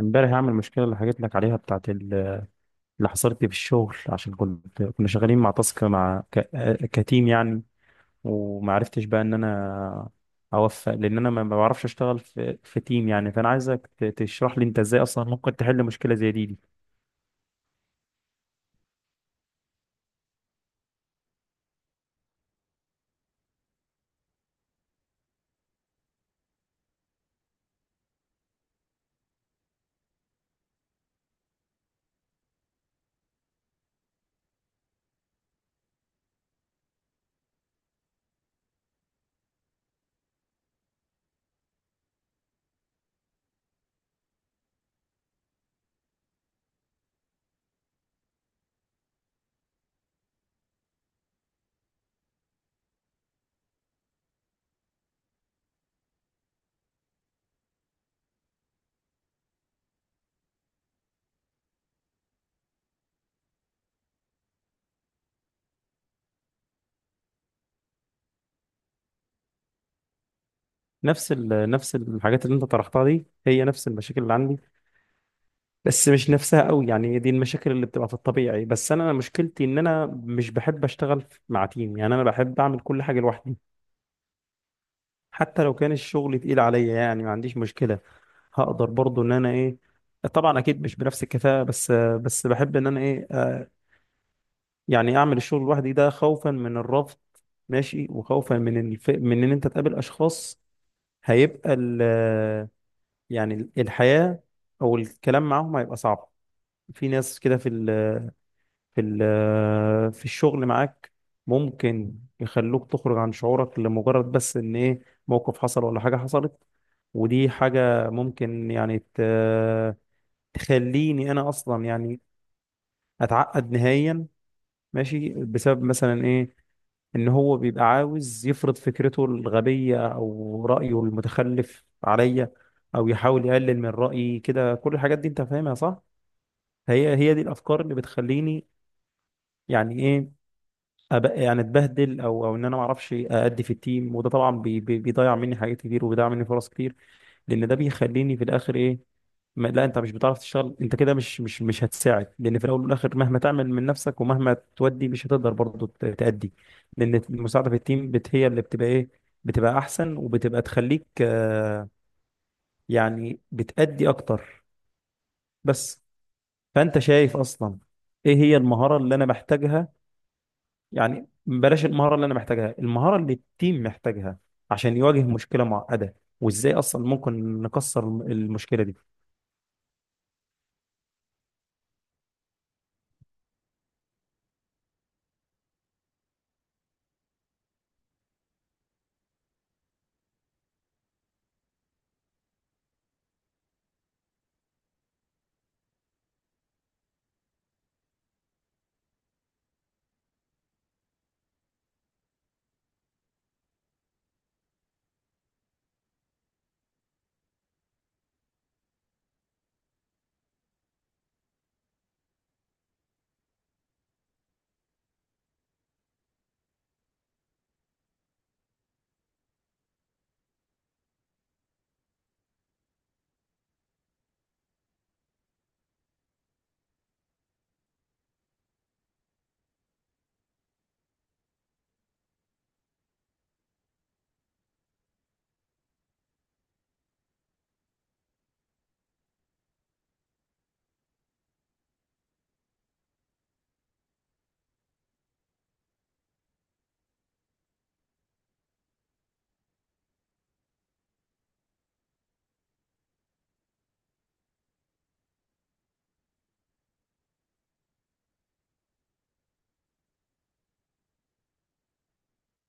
امبارح هعمل المشكله اللي حكيت لك عليها بتاعت اللي حصلت لي في الشغل عشان كنا شغالين مع تاسك كتيم يعني. وما عرفتش بقى ان انا اوفق، لان انا ما بعرفش اشتغل في تيم يعني. فانا عايزك تشرح لي انت ازاي اصلا ممكن تحل مشكله زي دي. نفس الحاجات اللي انت طرحتها دي هي نفس المشاكل اللي عندي، بس مش نفسها قوي. يعني هي دي المشاكل اللي بتبقى في الطبيعي، بس انا مشكلتي ان انا مش بحب اشتغل مع تيم. يعني انا بحب اعمل كل حاجه لوحدي، حتى لو كان الشغل تقيل عليا، يعني ما عنديش مشكلة. هقدر برضو ان انا ايه، طبعا اكيد مش بنفس الكفاءة، بس بحب ان انا ايه يعني اعمل الشغل لوحدي، ده خوفا من الرفض، ماشي، وخوفا من من ان انت تقابل اشخاص هيبقى يعني الحياة او الكلام معاهم هيبقى صعب. في ناس كده في ال... في ال- آه، في الشغل معاك ممكن يخلوك تخرج عن شعورك لمجرد بس ان ايه، موقف حصل ولا حاجة حصلت. ودي حاجة ممكن يعني تخليني انا اصلا يعني اتعقد نهائيا، ماشي، بسبب مثلا ايه، ان هو بيبقى عاوز يفرض فكرته الغبية او رأيه المتخلف عليا، او يحاول يقلل من رأيي كده. كل الحاجات دي انت فاهمها صح؟ هي دي الافكار اللي بتخليني يعني ايه، أبقى يعني اتبهدل، او او ان انا ما اعرفش ادي في التيم. وده طبعا بي بي بيضيع مني حاجات كتير وبيضيع مني فرص كتير، لان ده بيخليني في الاخر ايه، ما لا انت مش بتعرف تشتغل، انت كده مش هتساعد. لان في الاول والاخر مهما تعمل من نفسك ومهما تودي مش هتقدر برضه تأدي. لان المساعده في التيم هي اللي بتبقى ايه، بتبقى احسن وبتبقى تخليك يعني بتأدي اكتر بس. فانت شايف اصلا ايه هي المهاره اللي انا محتاجها، يعني بلاش المهارة اللي أنا محتاجها، المهارة اللي التيم محتاجها عشان يواجه مشكلة معقدة؟ وإزاي أصلا ممكن نكسر المشكلة دي؟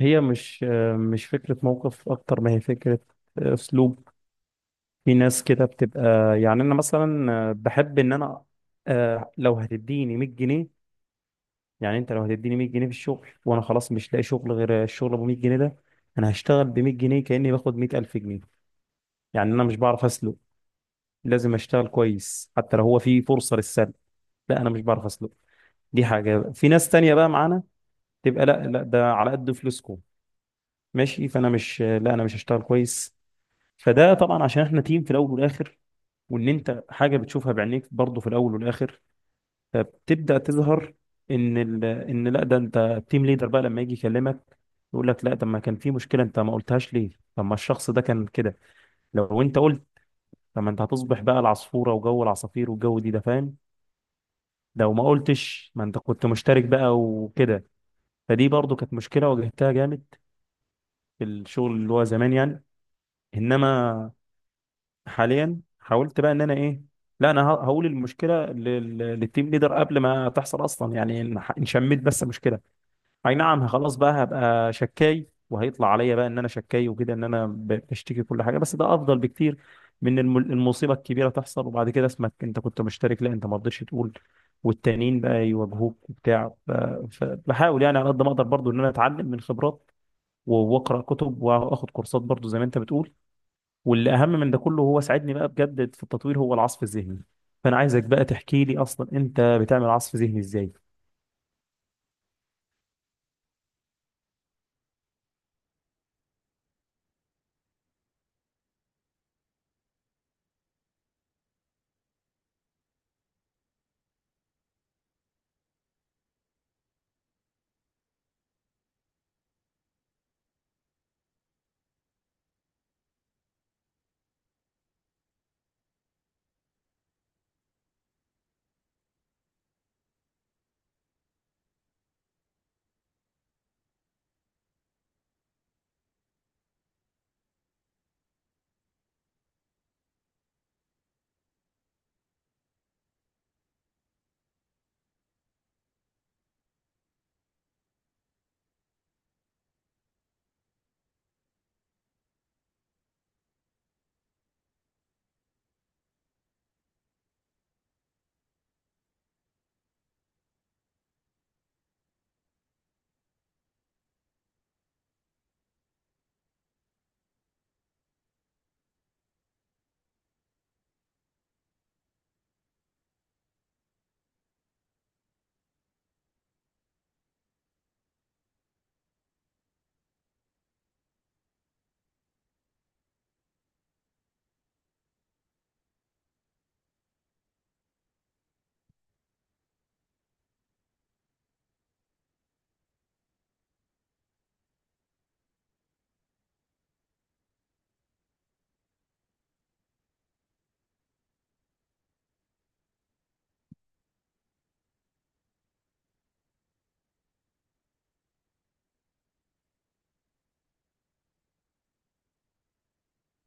هي مش مش فكرة موقف، أكتر ما هي فكرة أسلوب. في ناس كده بتبقى يعني، أنا مثلا بحب إن أنا لو هتديني 100 جنيه، يعني أنت لو هتديني 100 جنيه في الشغل وأنا خلاص مش لاقي شغل غير الشغل أبو 100 جنيه ده، أنا هشتغل ب 100 جنيه كأني باخد 100,000 جنيه. يعني أنا مش بعرف أسلق، لازم أشتغل كويس حتى لو هو في فرصة للسلق. لا انا مش بعرف اسلق. دي حاجه بقى. في ناس تانية بقى معانا تبقى لا لا، ده على قد فلوسكم ماشي، فانا مش، لا انا مش هشتغل كويس. فده طبعا عشان احنا تيم في الاول والاخر، وان انت حاجه بتشوفها بعينيك برضه في الاول والاخر فبتبدا تظهر، ان لا ده انت التيم ليدر بقى لما يجي يكلمك يقول لك لا، طب ما كان في مشكله انت ما قلتهاش ليه، طب ما الشخص ده كان كده، لو انت قلت، طب ما انت هتصبح بقى العصفوره وجو العصافير والجو دي، ده فاهم؟ لو ما قلتش ما انت كنت مشترك بقى وكده. فدي برضو كانت مشكلة واجهتها جامد في الشغل اللي هو زمان يعني. إنما حاليا حاولت بقى إن أنا إيه، لا أنا هقول المشكلة للتيم ليدر قبل ما تحصل أصلا. يعني إن إن شميت بس مشكلة، أي نعم خلاص بقى هبقى شكاي وهيطلع عليا بقى إن أنا شكاي وكده، إن أنا بشتكي كل حاجة، بس ده أفضل بكتير من المصيبة الكبيرة تحصل وبعد كده اسمك أنت كنت مشترك، لا أنت ما رضيتش تقول، والتانيين بقى يواجهوك وبتاع. فبحاول يعني على قد ما أقدر برضو إن أنا أتعلم من خبرات، واقرا كتب واخد كورسات برضو زي ما انت بتقول. واللي اهم من ده كله، هو ساعدني بقى بجد في التطوير، هو العصف الذهني. فانا عايزك بقى تحكي لي اصلا انت بتعمل عصف ذهني ازاي.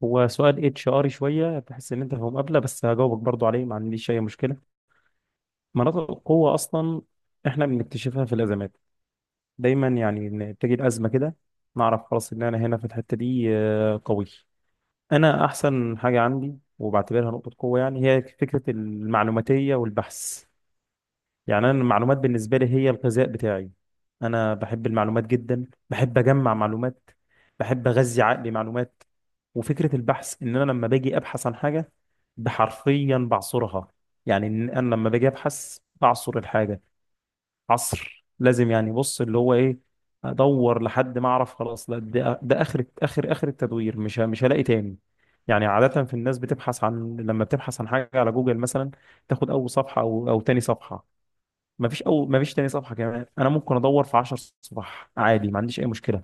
هو سؤال اتش اري شويه، تحس ان انت في مقابله، بس هجاوبك برضو عليه، ما عنديش اي مشكله. مناطق القوه اصلا احنا بنكتشفها في الازمات دايما، يعني إن بتيجي الازمه كده نعرف خلاص ان انا هنا في الحته دي قوي. انا احسن حاجه عندي وبعتبرها نقطه قوه، يعني هي فكره المعلوماتيه والبحث. يعني انا المعلومات بالنسبه لي هي الغذاء بتاعي. انا بحب المعلومات جدا، بحب اجمع معلومات، بحب اغذي عقلي معلومات. وفكره البحث ان انا لما باجي ابحث عن حاجه، بحرفيا بعصرها. يعني إن انا لما باجي ابحث بعصر الحاجه عصر، لازم. يعني بص اللي هو ايه، ادور لحد ما اعرف خلاص لا ده اخر اخر اخر التدوير، مش هلاقي تاني. يعني عاده في الناس بتبحث عن، لما بتبحث عن حاجه على جوجل مثلا، تاخد اول صفحه او او تاني صفحه، مفيش أو مفيش تاني صفحة كمان. أنا ممكن أدور في 10 صفح عادي، ما عنديش أي مشكلة.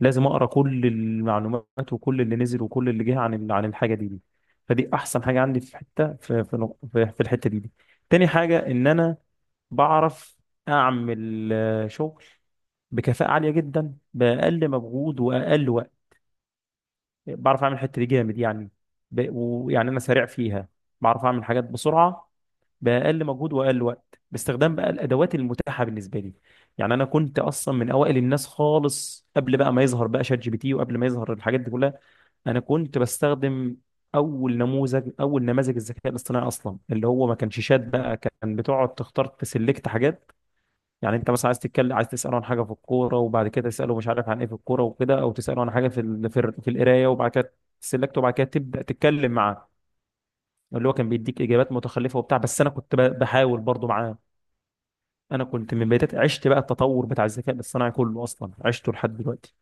لازم أقرأ كل المعلومات وكل اللي نزل وكل اللي جه عن عن الحاجة دي. فدي أحسن حاجة عندي في حتة في في نق- في في الحتة دي. تاني حاجة إن أنا بعرف أعمل شغل بكفاءة عالية جدا، بأقل مجهود وأقل وقت. بعرف أعمل الحتة دي جامد يعني. ويعني أنا سريع فيها، بعرف أعمل حاجات بسرعة، باقل مجهود واقل وقت، باستخدام بقى الادوات المتاحه بالنسبه لي. يعني انا كنت اصلا من اوائل الناس خالص، قبل بقى ما يظهر بقى شات جي بي تي، وقبل ما يظهر الحاجات دي كلها، انا كنت بستخدم اول نموذج، اول نماذج الذكاء الاصطناعي اصلا، اللي هو ما كانش شات بقى، كان بتقعد تختار، تسلكت حاجات. يعني انت مثلا عايز تتكلم، عايز تساله عن حاجه في الكوره، وبعد كده تساله مش عارف عن ايه في الكوره وكده، او تساله عن حاجه في القرايه. وبعد كده تسلكت، وبعد كده تبدا تتكلم معاه. اللي هو كان بيديك اجابات متخلفه وبتاع، بس انا كنت بحاول برضو معاه. انا كنت من بدايات، عشت بقى التطور بتاع الذكاء الاصطناعي كله اصلا، عشته لحد دلوقتي.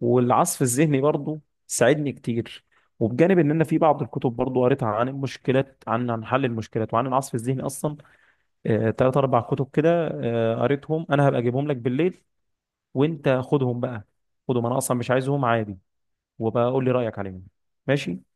والعصف الذهني برضه ساعدني كتير. وبجانب ان انا في بعض الكتب برضه قريتها عن المشكلات، عن عن حل المشكلات وعن العصف الذهني اصلا. تلات اربع كتب كده قريتهم. انا هبقى اجيبهم لك بالليل وانت خدهم بقى، خدهم انا اصلا مش عايزهم عادي، وبقول لي رايك عليهم، ماشي.